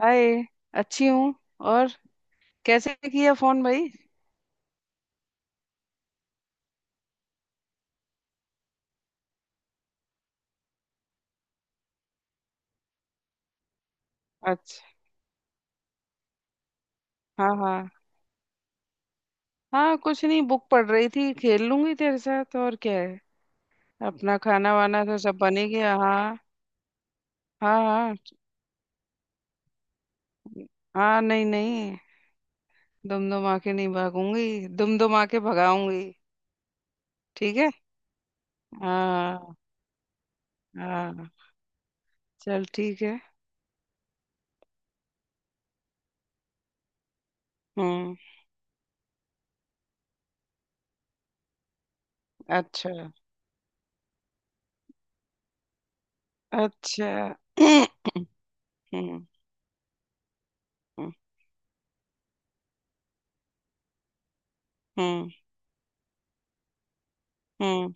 हाय। अच्छी हूँ। और कैसे किया फोन भाई? अच्छा। हाँ हाँ। हाँ, कुछ नहीं, बुक पढ़ रही थी। खेल लूंगी तेरे साथ, और क्या है। अपना खाना वाना तो सब बन ही गया। हाँ। हाँ हाँ। हाँ, नहीं नहीं। दुम दुम आके नहीं भागूंगी। दुम दुम आके भगाऊंगी। ठीक है। हाँ हाँ। चल ठीक है। हम्म। अच्छा। अच्छा। हम्म। हम्म। हम्म। हम्म,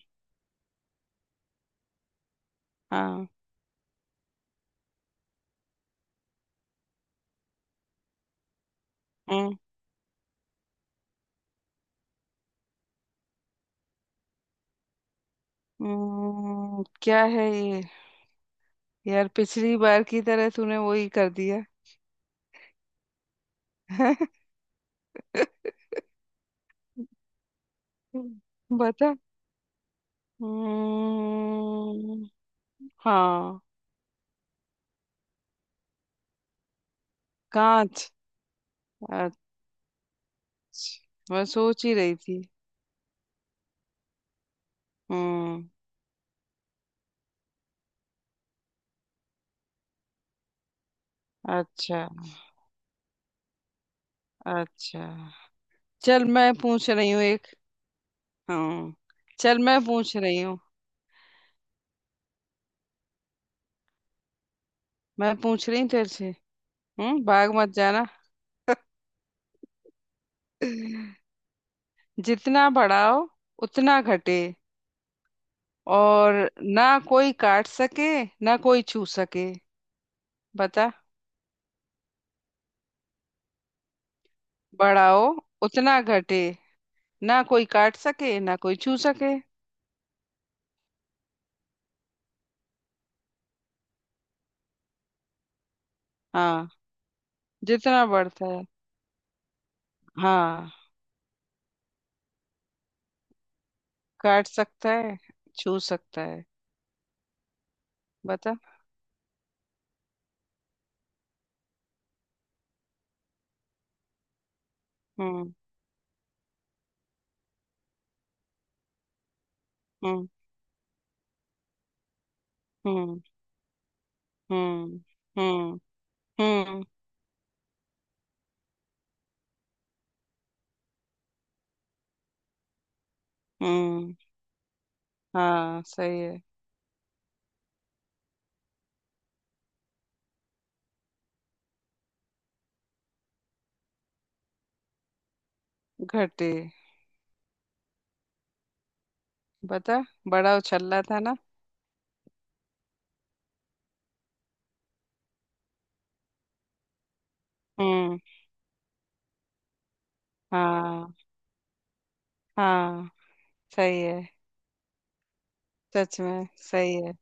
हाँ। हम्म। क्या है ये? यार पिछली बार की तरह तूने वही कर दिया। बता। हम्म। हाँ। कांच। अच्छा, मैं सोच ही रही थी। हम्म। अच्छा। अच्छा, चल मैं पूछ रही हूँ एक। हाँ, चल मैं पूछ रही हूँ। मैं पूछ रही हूँ तेरे से। हम्म, भाग मत जाना। जितना बढ़ाओ उतना घटे। और ना कोई काट सके ना कोई छू सके। बता। बढ़ाओ उतना घटे। ना कोई काट सके ना कोई छू सके। हाँ। जितना बढ़ता है। हाँ। काट सकता है, छू सकता है। बता। हम्म। हम्म। हम्म। हम्म। हम्म। हम्म। हम्म। हाँ सही है। घटे। बता। बड़ा उछल्ला था ना। हम्म। हाँ। हाँ, सही है। सच में सही है।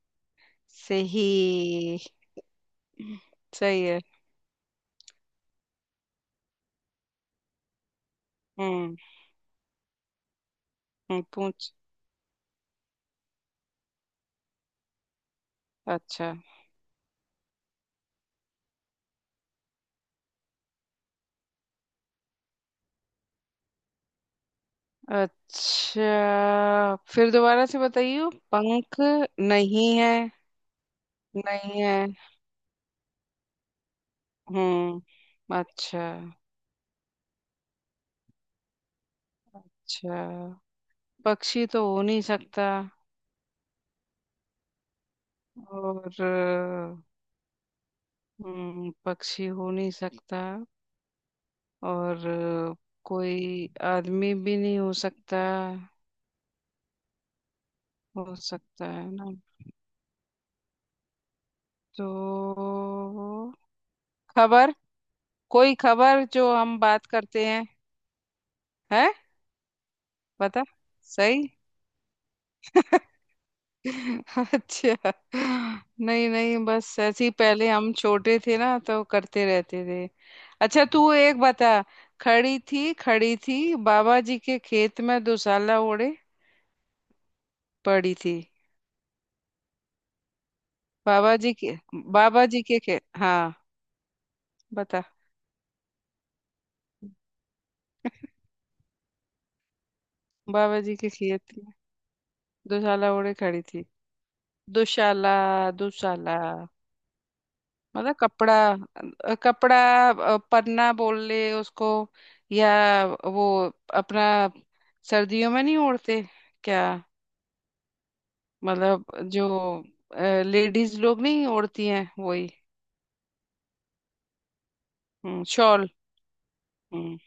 सही। सही है। हम्म। पूछ। अच्छा। अच्छा, फिर दोबारा से बताइए। पंख नहीं है। नहीं है। हम्म, अच्छा। अच्छा, पक्षी तो हो नहीं सकता। और हम्म, पक्षी हो नहीं सकता। और कोई आदमी भी नहीं हो सकता। हो सकता है ना? तो खबर। कोई खबर जो हम बात करते हैं। है। बता। सही। अच्छा, नहीं नहीं, बस ऐसे ही पहले हम छोटे थे ना तो करते रहते थे। अच्छा, तू एक बता। खड़ी थी बाबा जी के खेत में दुशाला ओढ़े पड़ी थी। बाबा जी के, बाबा जी के खेत, हाँ। बता। बाबा जी के खेत में दुशाला ओढ़े खड़ी थी। दुशाला। दुशाला। मतलब कपड़ा। कपड़ा। पन्ना बोल ले उसको, या वो, अपना सर्दियों में नहीं ओढ़ते क्या? मतलब जो लेडीज लोग नहीं ओढ़ती हैं, वही। हम्म, शॉल। हम्म।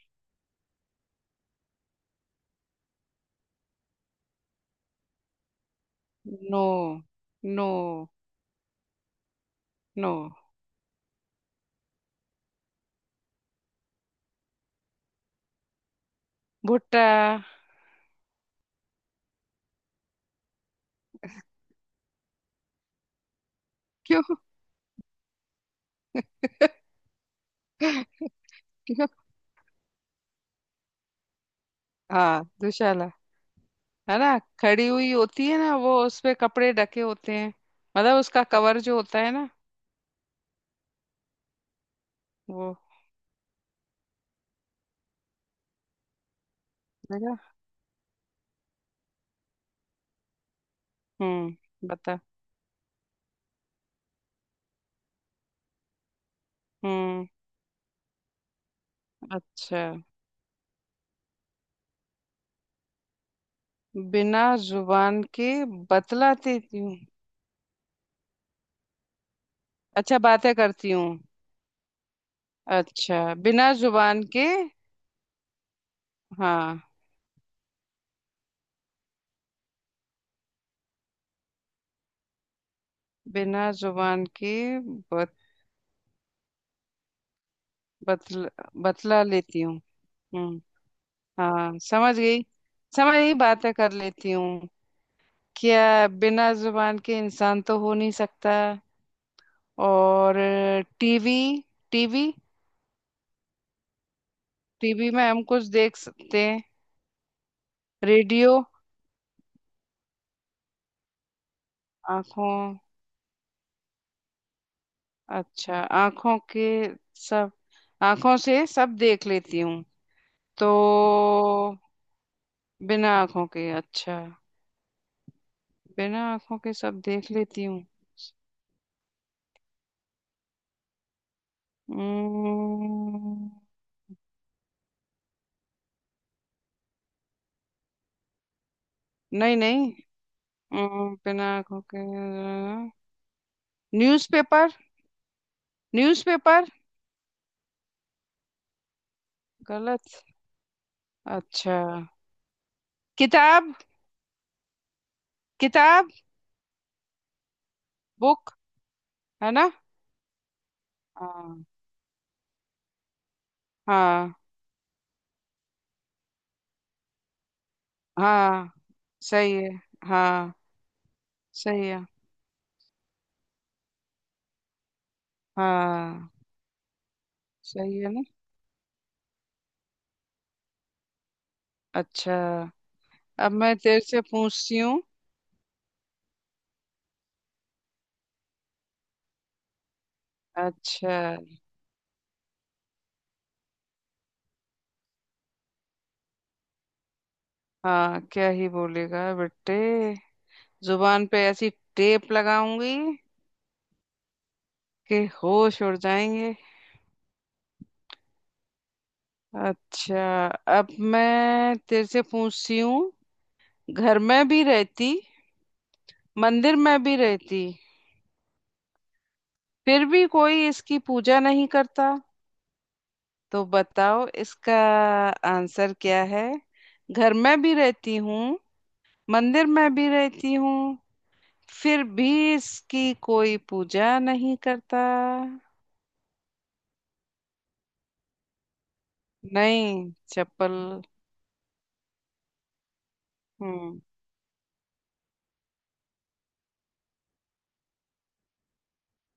नो। नो। नो। भुट्टा। क्यों? क्यों? हाँ दुशाला। है ना, खड़ी हुई होती है ना, वो उस पे कपड़े ढके होते हैं। मतलब उसका कवर जो होता है ना, वो। देखा। हम्म, बता। हम्म। अच्छा। बिना जुबान के बतलाती हूँ। अच्छा, बातें करती हूँ। अच्छा, बिना जुबान के। हाँ। बिना जुबान के बत, बतल, बतला लेती हूँ। हम्म। हाँ समझ गई। समझ गई, बातें कर लेती हूँ। क्या बिना जुबान के इंसान तो हो नहीं सकता। और टीवी, टीवी। टीवी में हम कुछ देख सकते हैं। रेडियो। आंखों। अच्छा आंखों के। सब। आंखों से सब देख लेती हूँ। तो बिना आंखों के, अच्छा। बिना आंखों के सब देख लेती हूँ। हम्म, नहीं नहीं। बिना आंखों के। न्यूज़पेपर। न्यूज़पेपर। गलत। अच्छा, किताब। किताब। बुक। है ना? हाँ। हाँ। हाँ। सही है। हाँ। सही है। हाँ। सही है ना। अच्छा, अब मैं तेरे से पूछती हूँ। अच्छा। हाँ, क्या ही बोलेगा बेटे। जुबान पे ऐसी टेप लगाऊंगी कि होश उड़ जाएंगे। अच्छा, अब मैं तेरे से पूछती हूँ। घर में भी रहती, मंदिर में भी रहती, फिर भी कोई इसकी पूजा नहीं करता। तो बताओ इसका आंसर क्या है। घर में भी रहती हूँ, मंदिर में भी रहती हूँ, फिर भी इसकी कोई पूजा नहीं करता। नहीं चप्पल। हम्म।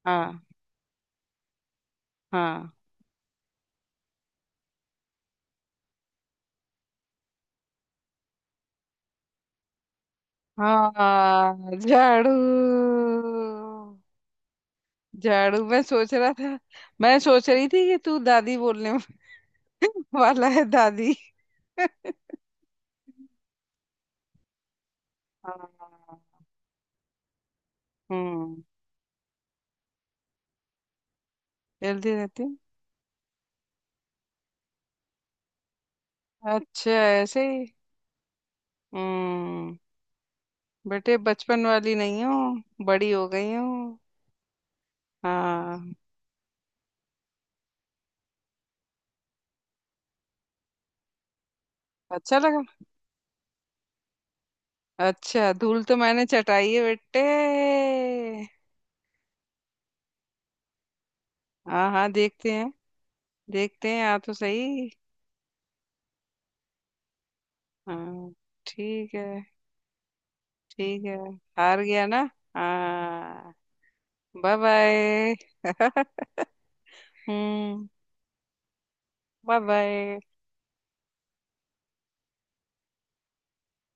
हाँ हाँ, हाँ झाड़ू। झाड़ू, मैं सोच रहा था। मैं सोच रही थी कि तू दादी बोलने वाला है, दादी। हाँ। हम्म। जल्दी रहती। अच्छा ऐसे ही। हम्म। बेटे, बचपन वाली नहीं हो, बड़ी हो गई हो। हाँ। अच्छा लगा। अच्छा, धूल तो मैंने चटाई है बेटे। हाँ हाँ, देखते हैं। देखते हैं, आ तो सही। हाँ। ठीक है। ठीक है, हार गया ना। हाँ। Bye bye. हम्म। Bye bye.